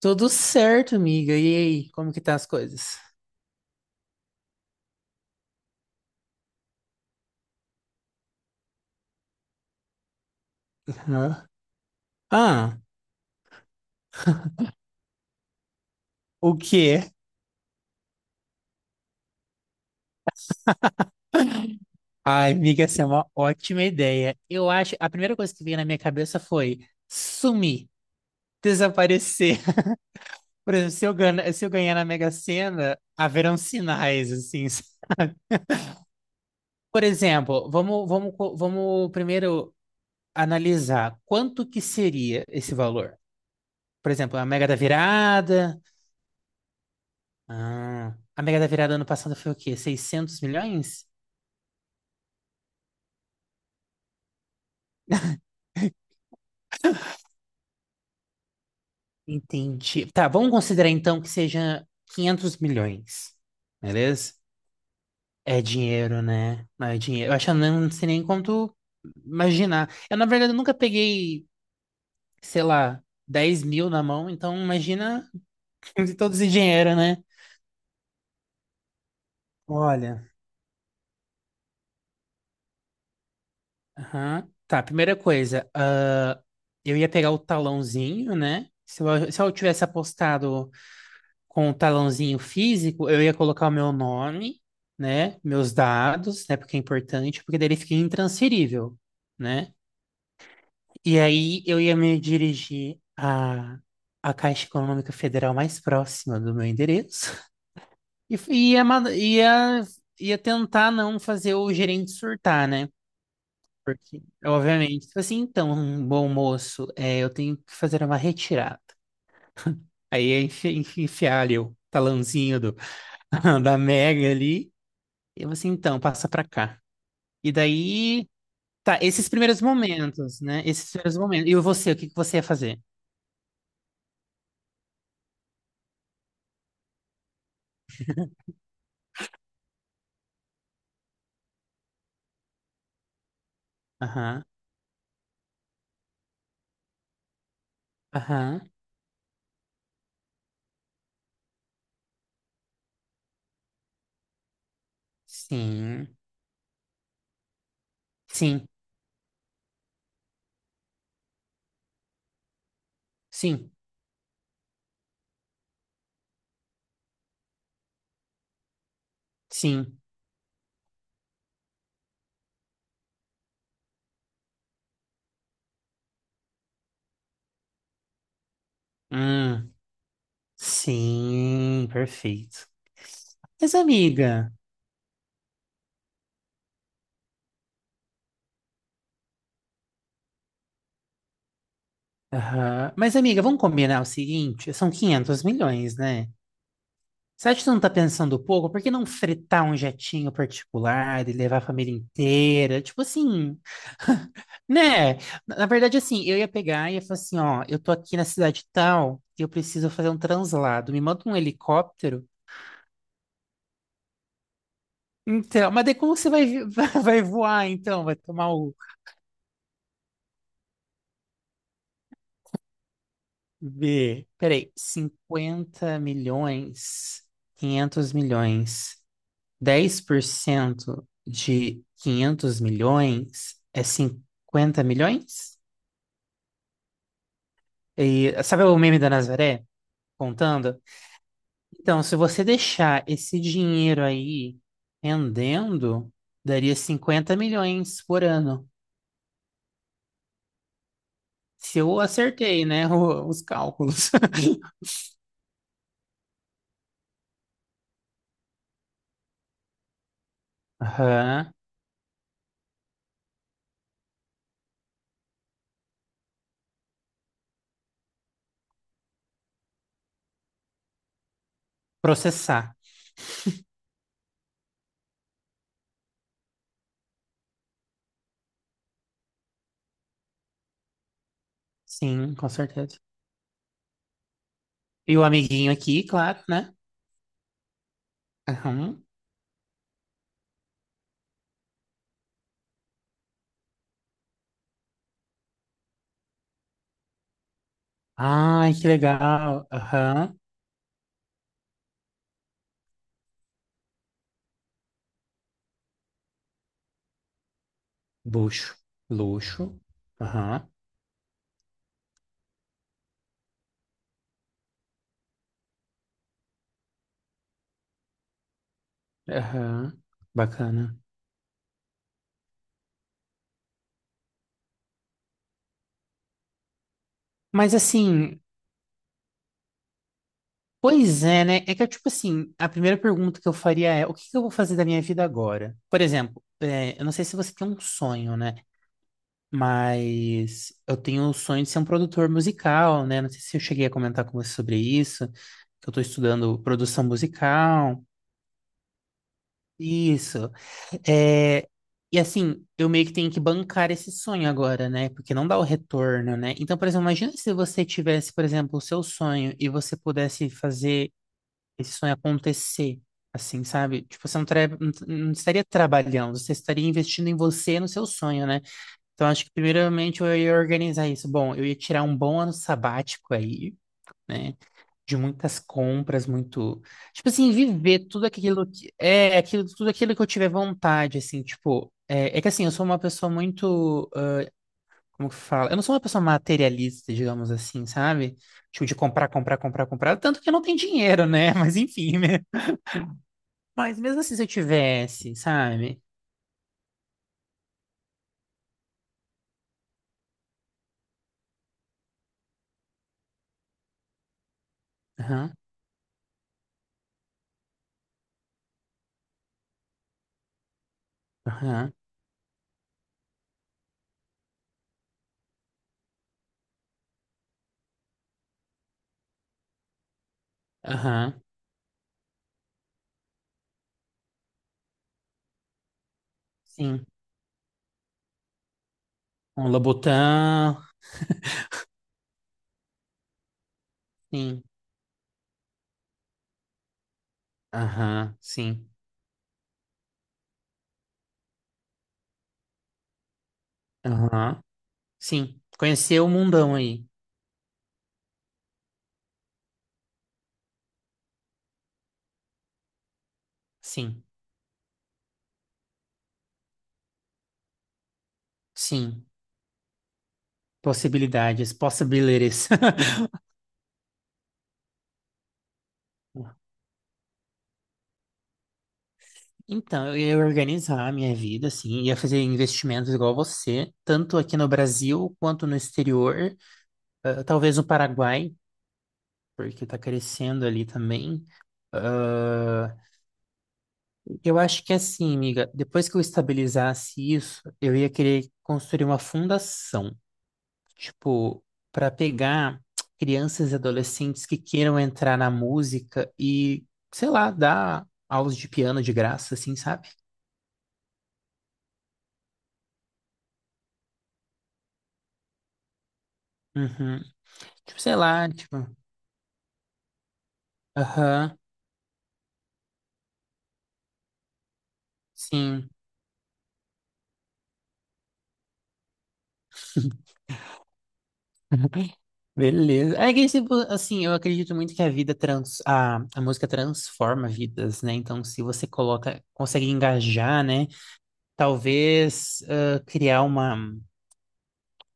Tudo certo, amiga. E aí, como que tá as coisas? Hã? Ah, o quê? Ai, amiga, essa é uma ótima ideia. Eu acho, a primeira coisa que veio na minha cabeça foi sumir, desaparecer. Por exemplo, se eu ganhar na Mega Sena, haverão sinais, assim. Por exemplo, vamos primeiro analisar quanto que seria esse valor. Por exemplo, a Mega da Virada. Ah, a Mega da Virada ano passado foi o quê? 600 milhões? Entendi. Tá, vamos considerar então que seja 500 milhões, beleza? É dinheiro, né? Não. É dinheiro. Eu acho que eu não sei nem quanto imaginar. Eu, na verdade, nunca peguei, sei lá, 10 mil na mão, então imagina todo esse dinheiro, né? Olha. Aham. Tá, primeira coisa, ah, eu ia pegar o talãozinho, né? Se eu tivesse apostado com o talãozinho físico, eu ia colocar o meu nome, né? Meus dados, né? Porque é importante, porque daí ele fica intransferível, né? E aí eu ia me dirigir à, à Caixa Econômica Federal mais próxima do meu endereço e ia tentar não fazer o gerente surtar, né? Porque, obviamente, tipo assim, então, um bom moço, é, eu tenho que fazer uma retirada. Aí ia enfiar ali o talãozinho do, da Mega ali. Eu assim, então, passa pra cá. E daí, tá, esses primeiros momentos, né? Esses primeiros momentos. E você, o que que você ia fazer? Aham, aham, sim, sim, sim, sim, hum, sim, perfeito. Mas amiga, aham, mas amiga, vamos combinar o seguinte, são 500 milhões, né? Você acha que você não tá pensando pouco? Por que não fretar um jetinho particular e levar a família inteira? Tipo assim, né? Na verdade, assim, eu ia pegar e ia falar assim, ó, eu tô aqui na cidade tal e eu preciso fazer um translado. Me manda um helicóptero. Então, mas daí como você vai, vai voar, então? Vai tomar o B. Peraí, 50 milhões, 500 milhões, 10% de 500 milhões é 50 milhões? E, sabe o meme da Nazaré contando? Então, se você deixar esse dinheiro aí rendendo, daria 50 milhões por ano. Se eu acertei, né, os cálculos. Aham. Processar. Sim, com certeza. E o amiguinho aqui, claro, né? Aham. Ai, que legal. Aham. Luxo. Luxo. Aham. Aham. Bacana. Mas assim, pois é, né? É que, tipo assim, a primeira pergunta que eu faria é: o que que eu vou fazer da minha vida agora? Por exemplo, é, eu não sei se você tem um sonho, né? Mas eu tenho o sonho de ser um produtor musical, né? Não sei se eu cheguei a comentar com você sobre isso, que eu tô estudando produção musical. Isso. É, e assim, eu meio que tenho que bancar esse sonho agora, né? Porque não dá o retorno, né? Então, por exemplo, imagina se você tivesse, por exemplo, o seu sonho e você pudesse fazer esse sonho acontecer, assim, sabe? Tipo, você não estaria trabalhando, você estaria investindo em você, no seu sonho, né? Então, acho que primeiramente eu ia organizar isso. Bom, eu ia tirar um bom ano sabático aí, né? De muitas compras, muito, tipo assim, viver tudo aquilo que é aquilo, tudo aquilo que eu tiver vontade, assim, tipo, é, é que assim, eu sou uma pessoa muito, ah, como que fala? Eu não sou uma pessoa materialista, digamos assim, sabe? Tipo, de comprar, comprar, comprar, comprar, tanto que eu não tenho dinheiro, né? Mas enfim, né? Mas mesmo assim, se eu tivesse, sabe? Aham, aham, aham, sim. Um Lobotan, sim. Aham, sim. Aham, sim. Conhecer o mundão aí. Sim, sim. Possibilidades, possibilities. Então, eu ia organizar a minha vida, assim, ia fazer investimentos igual você, tanto aqui no Brasil quanto no exterior, ah, talvez no Paraguai, porque tá crescendo ali também. Ah, eu acho que assim, amiga, depois que eu estabilizasse isso, eu ia querer construir uma fundação, tipo, para pegar crianças e adolescentes que queiram entrar na música e, sei lá, dar aulas de piano de graça, assim, sabe? Uhum. Tipo, sei lá, tipo, aham, sim. Beleza. É que, tipo, assim, eu acredito muito que a música transforma vidas, né? Então, se você coloca, consegue engajar, né? Talvez ah, criar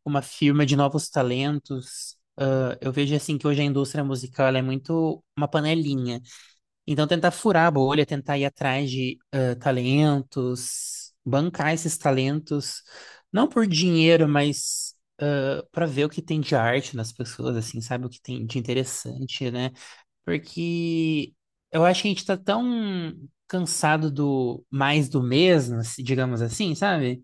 uma firma de novos talentos. Ah, eu vejo assim que hoje a indústria musical ela é muito uma panelinha. Então tentar furar a bolha, tentar ir atrás de ah, talentos, bancar esses talentos, não por dinheiro, mas para ver o que tem de arte nas pessoas, assim, sabe? O que tem de interessante, né? Porque eu acho que a gente tá tão cansado do mais do mesmo, digamos assim, sabe?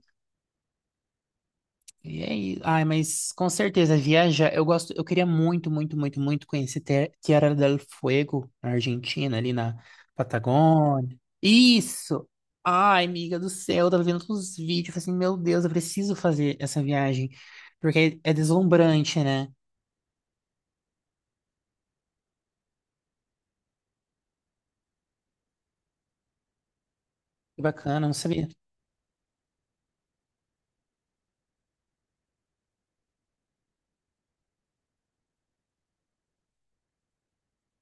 E é isso. Ai, mas com certeza, viajar. Eu gosto, eu queria muito, muito, muito, muito conhecer Tierra del Fuego, na Argentina, ali na Patagônia. Isso! Ai, amiga do céu, eu tava vendo todos os vídeos, eu falei assim, meu Deus, eu preciso fazer essa viagem. Porque é, é deslumbrante, né? Que bacana, eu não sabia.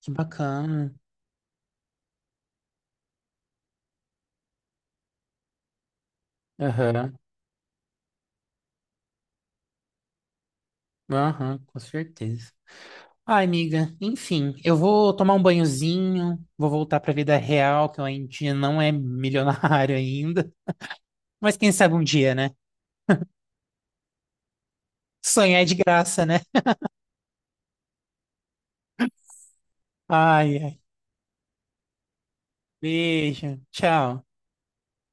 Que bacana. Aham, aham, com certeza. Ai, amiga, enfim, eu vou tomar um banhozinho, vou voltar pra vida real, que eu ainda não é milionário ainda. Mas quem sabe um dia, né? Sonhar é de graça, né? Ai, ai. Beijo. Tchau.